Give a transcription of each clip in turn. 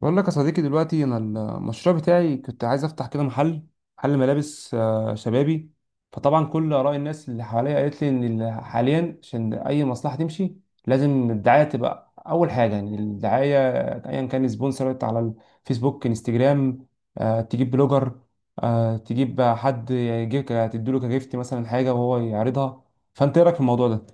بقول لك يا صديقي دلوقتي انا المشروع بتاعي كنت عايز افتح كده محل ملابس، شبابي. فطبعا كل اراء الناس اللي حواليا قالت لي ان حاليا عشان اي مصلحه تمشي لازم الدعايه تبقى اول حاجه، يعني الدعايه ايا كان سبونسر على الفيسبوك، انستجرام، تجيب بلوجر، تجيب حد يجيب تديله كجيفت مثلا حاجه وهو يعرضها. فانت ايه رايك في الموضوع ده؟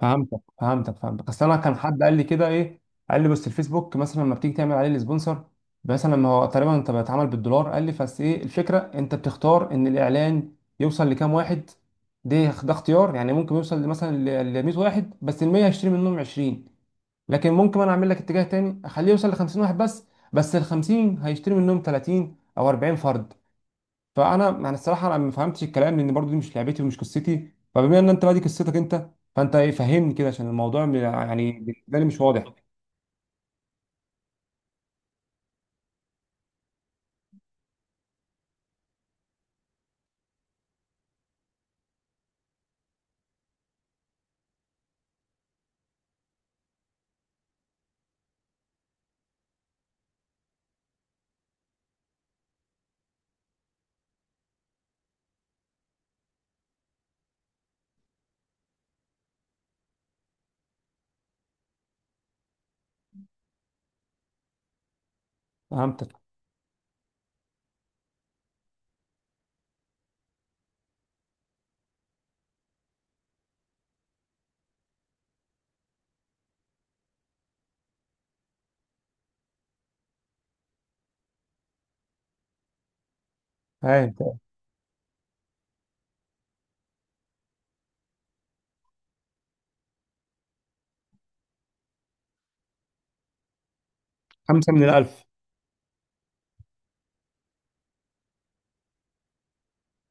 فهمتك. اصل انا كان حد قال لي كده، ايه، قال لي بس الفيسبوك مثلا لما بتيجي تعمل عليه السبونسر، مثلا ما هو تقريبا انت بتتعامل بالدولار. قال لي بس ايه الفكره، انت بتختار ان الاعلان يوصل لكام واحد. ده اختيار، يعني ممكن يوصل مثلا ل 100 واحد، بس ال 100 هشتري منهم 20. لكن ممكن انا اعمل لك اتجاه تاني اخليه يوصل ل 50 واحد، بس ال 50 هيشتري منهم 30 او 40 فرد. فانا يعني الصراحه انا ما فهمتش الكلام، لان برضو دي مش لعبتي ومش قصتي، فبما ان انت بقى دي قصتك انت، فانت إيه؟ فهمني كده عشان الموضوع يعني بالنسبه لي مش واضح. فهمتك. فاهم فاهم. خمسه من الالف.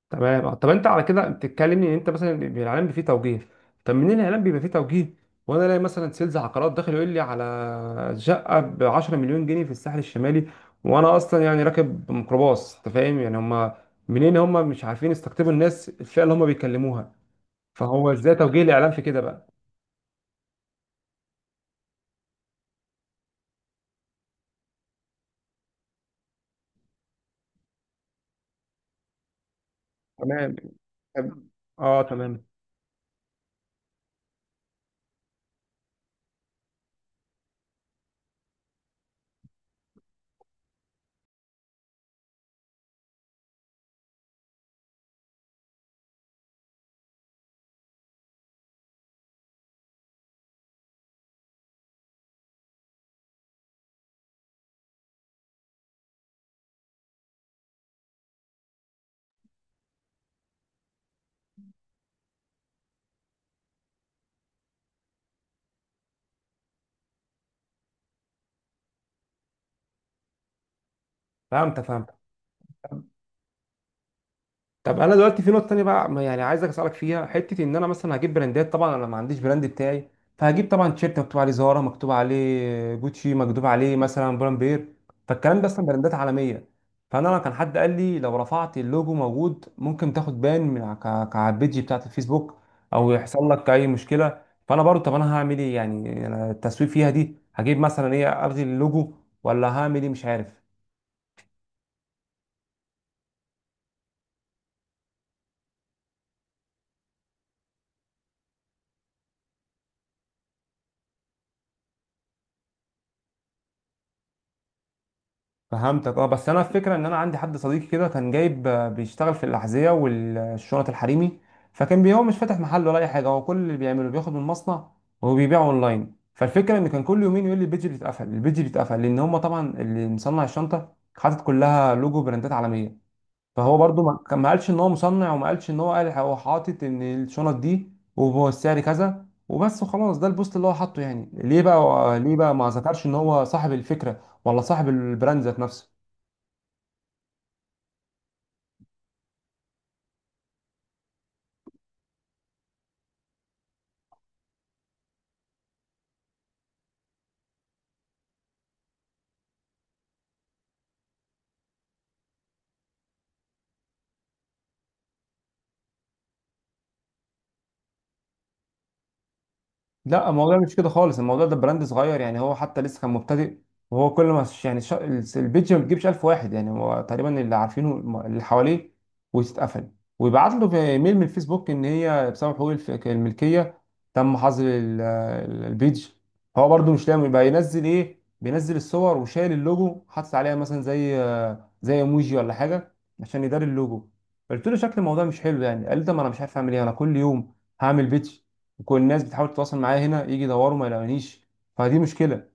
تمام. طب انت على كده بتتكلمني ان انت مثلا الاعلان بيبقى فيه توجيه. طب منين الاعلان بيبقى فيه توجيه، وانا الاقي مثلا سيلز عقارات داخل يقول لي على شقه ب 10 مليون جنيه في الساحل الشمالي وانا اصلا يعني راكب ميكروباص؟ انت فاهم يعني؟ هم منين؟ هم مش عارفين يستقطبوا الناس الفئه اللي هم بيكلموها. فهو ازاي توجيه الاعلام في كده بقى؟ تمام. طب، اه تمام. فهمت. طب انا دلوقتي في نقطه تانية بقى ما يعني عايزك اسالك فيها حته، ان انا مثلا هجيب براندات. طبعا انا ما عنديش براند بتاعي، فهجيب طبعا تيشيرت مكتوب عليه زارا، مكتوب عليه جوتشي، مكتوب عليه مثلا بولمبير. فالكلام ده اصلا براندات عالميه. فانا كان حد قال لي لو رفعت اللوجو موجود ممكن تاخد بان من على البيج بتاعت الفيسبوك، او يحصل لك اي مشكله. فانا برضو، طب انا هعمل ايه؟ يعني أنا التسويق فيها دي هجيب مثلا، ايه، الغي اللوجو ولا هعمل ايه؟ مش عارف. فهمتك اه، بس انا الفكره ان انا عندي حد صديقي كده كان جايب، بيشتغل في الاحذيه والشنط الحريمي. هو مش فاتح محل ولا اي حاجه، هو كل اللي بيعمله بياخد من مصنع وبيبيعه اونلاين. فالفكره ان كان كل يومين يقول لي البيج بيتقفل، البيج بيتقفل، لان هم طبعا اللي مصنع الشنطه حاطط كلها لوجو براندات عالميه. فهو برضو ما قالش ان هو مصنع، وما قالش ان هو، قال هو حاطط ان الشنط دي وهو السعر كذا وبس وخلاص. ده البوست اللي هو حاطه، يعني ليه بقى، ليه بقى ما ذكرش ان هو صاحب الفكره ولا صاحب البراند ذات نفسه. لا، الموضوع مش كده خالص. الموضوع ده براند صغير، يعني هو حتى لسه كان مبتدئ. وهو كل ما يعني البيج ما بتجيبش 1000 واحد، يعني هو تقريبا اللي عارفينه اللي حواليه، وتتقفل، ويبعت له في ايميل من الفيسبوك ان هي بسبب حقوق الملكيه تم حظر البيج. هو برده مش لاقي بقى ينزل ايه، بينزل الصور وشايل اللوجو، حاطط عليها مثلا زي ايموجي ولا حاجه عشان يداري اللوجو. قلت له شكل الموضوع مش حلو يعني، قال لي ده ما انا مش عارف اعمل ايه، انا كل يوم هعمل بيج وكل الناس بتحاول تتواصل معايا هنا يجي يدوروا ما يلاقونيش، فدي مشكله.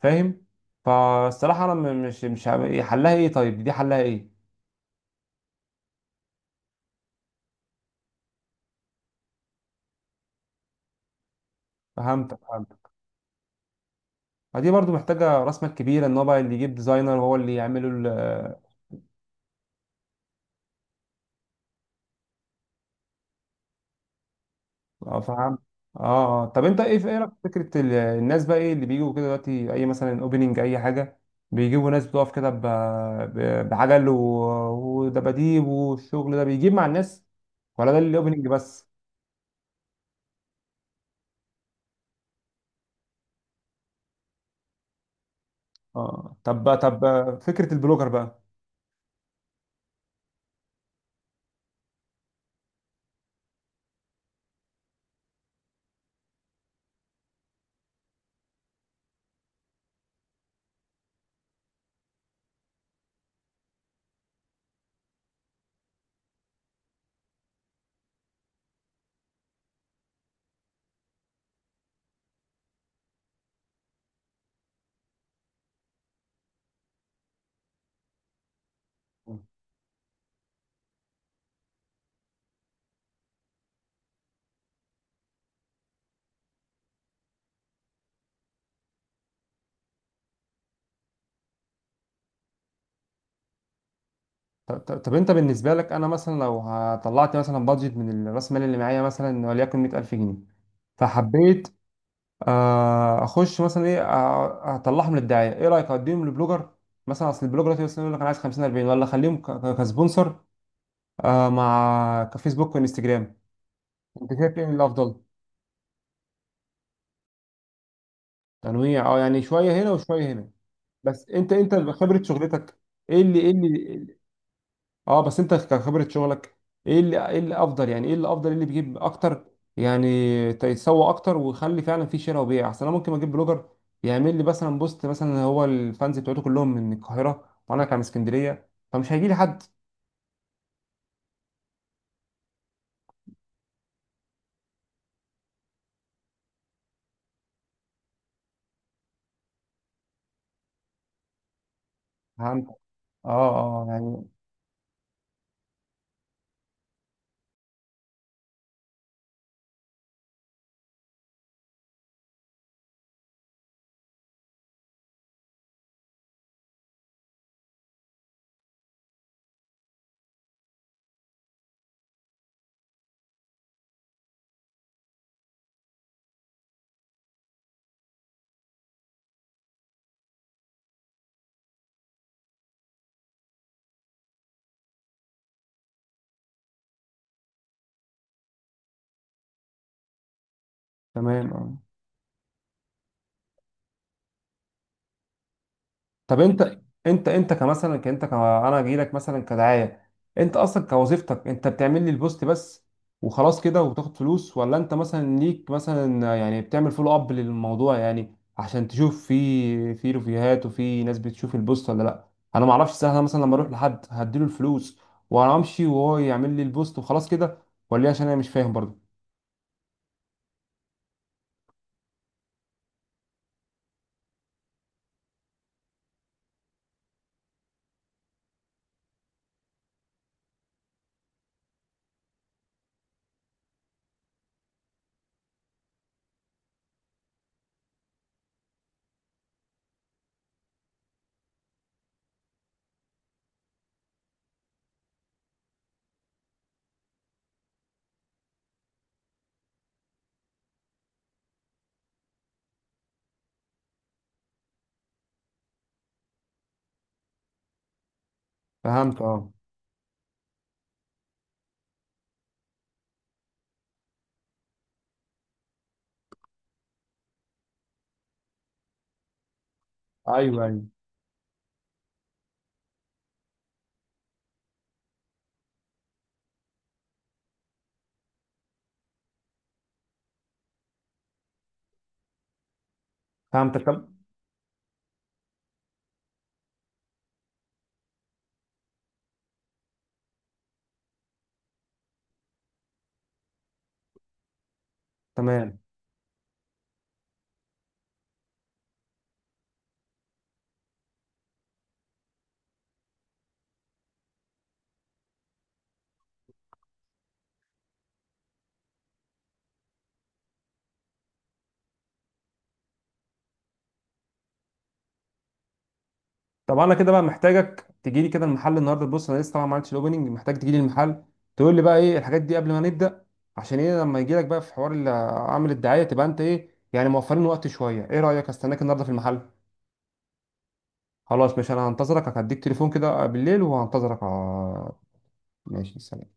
فاهم؟ فالصراحه انا مش إيه حلها ايه، طيب دي حلها ايه؟ فهمتك. فدي برضو محتاجه راس مال كبيره، ان هو بقى اللي يجيب ديزاينر هو اللي يعمله اه، فهمت. اه طب انت ايه، في ايه رأيك في فكره الناس بقى، ايه اللي بيجوا كده دلوقتي، اي مثلا اوبننج اي حاجه، بيجيبوا ناس بتقف كده بعجل ودباديب والشغل ده بيجيب مع الناس، ولا ده الاوبننج بس؟ اه، طب فكره البلوجر بقى؟ طب، انت بالنسبه لك انا مثلا لو طلعت مثلا بادجت من راس المال اللي معايا مثلا وليكن 100000 جنيه، فحبيت اخش مثلا ايه، اطلعهم للدعايه. ايه رايك اديهم لبلوجر مثلا، اصل البلوجر دلوقتي مثلا يقول لك انا عايز 50، 40، ولا اخليهم كسبونسر مع كفيسبوك وانستجرام؟ انت شايف ايه الافضل؟ تنويع. اه، يعني شويه هنا وشويه هنا. بس انت خبره شغلتك، ايه اللي اه، بس انت كخبرة شغلك، ايه اللي افضل، يعني ايه اللي افضل، ايه اللي بيجيب اكتر يعني تسوق اكتر ويخلي فعلا في شراء وبيع احسن؟ انا ممكن اجيب بلوجر يعمل لي مثلا بوست، مثلا هو الفانز بتوعته كلهم من القاهرة وانا كان من اسكندرية، فمش هيجي لي حد. فهمت. اه اه، يعني تمام. اه، طب انت انت كمثلا، انا جاي لك مثلا كدعايه، انت اصلا كوظيفتك انت بتعمل لي البوست بس وخلاص كده وبتاخد فلوس، ولا انت مثلا ليك مثلا يعني بتعمل فولو اب للموضوع يعني عشان تشوف في ريفيوهات وفي ناس بتشوف البوست ولا لا؟ انا ما اعرفش سهله مثلا لما اروح لحد هديله الفلوس وانا امشي وهو يعمل لي البوست وخلاص كده، ولا ايه؟ عشان انا مش فاهم برضه. فهمت. اه، ايوه ايوه. فهمتك. طب تمام. طب انا كده بقى محتاجك تجي لي كده المحل النهارده. بص انا لسه طبعا ما عملتش الاوبننج، محتاج تجي لي المحل تقول لي بقى ايه الحاجات دي قبل ما نبدا، عشان ايه لما يجي لك بقى في حوار عامل الدعايه تبقى انت ايه، يعني موفرين وقت شويه. ايه رايك استناك النهارده في المحل؟ خلاص، ماشي، انا هنتظرك، هديك تليفون كده بالليل وهنتظرك. ماشي، سلام.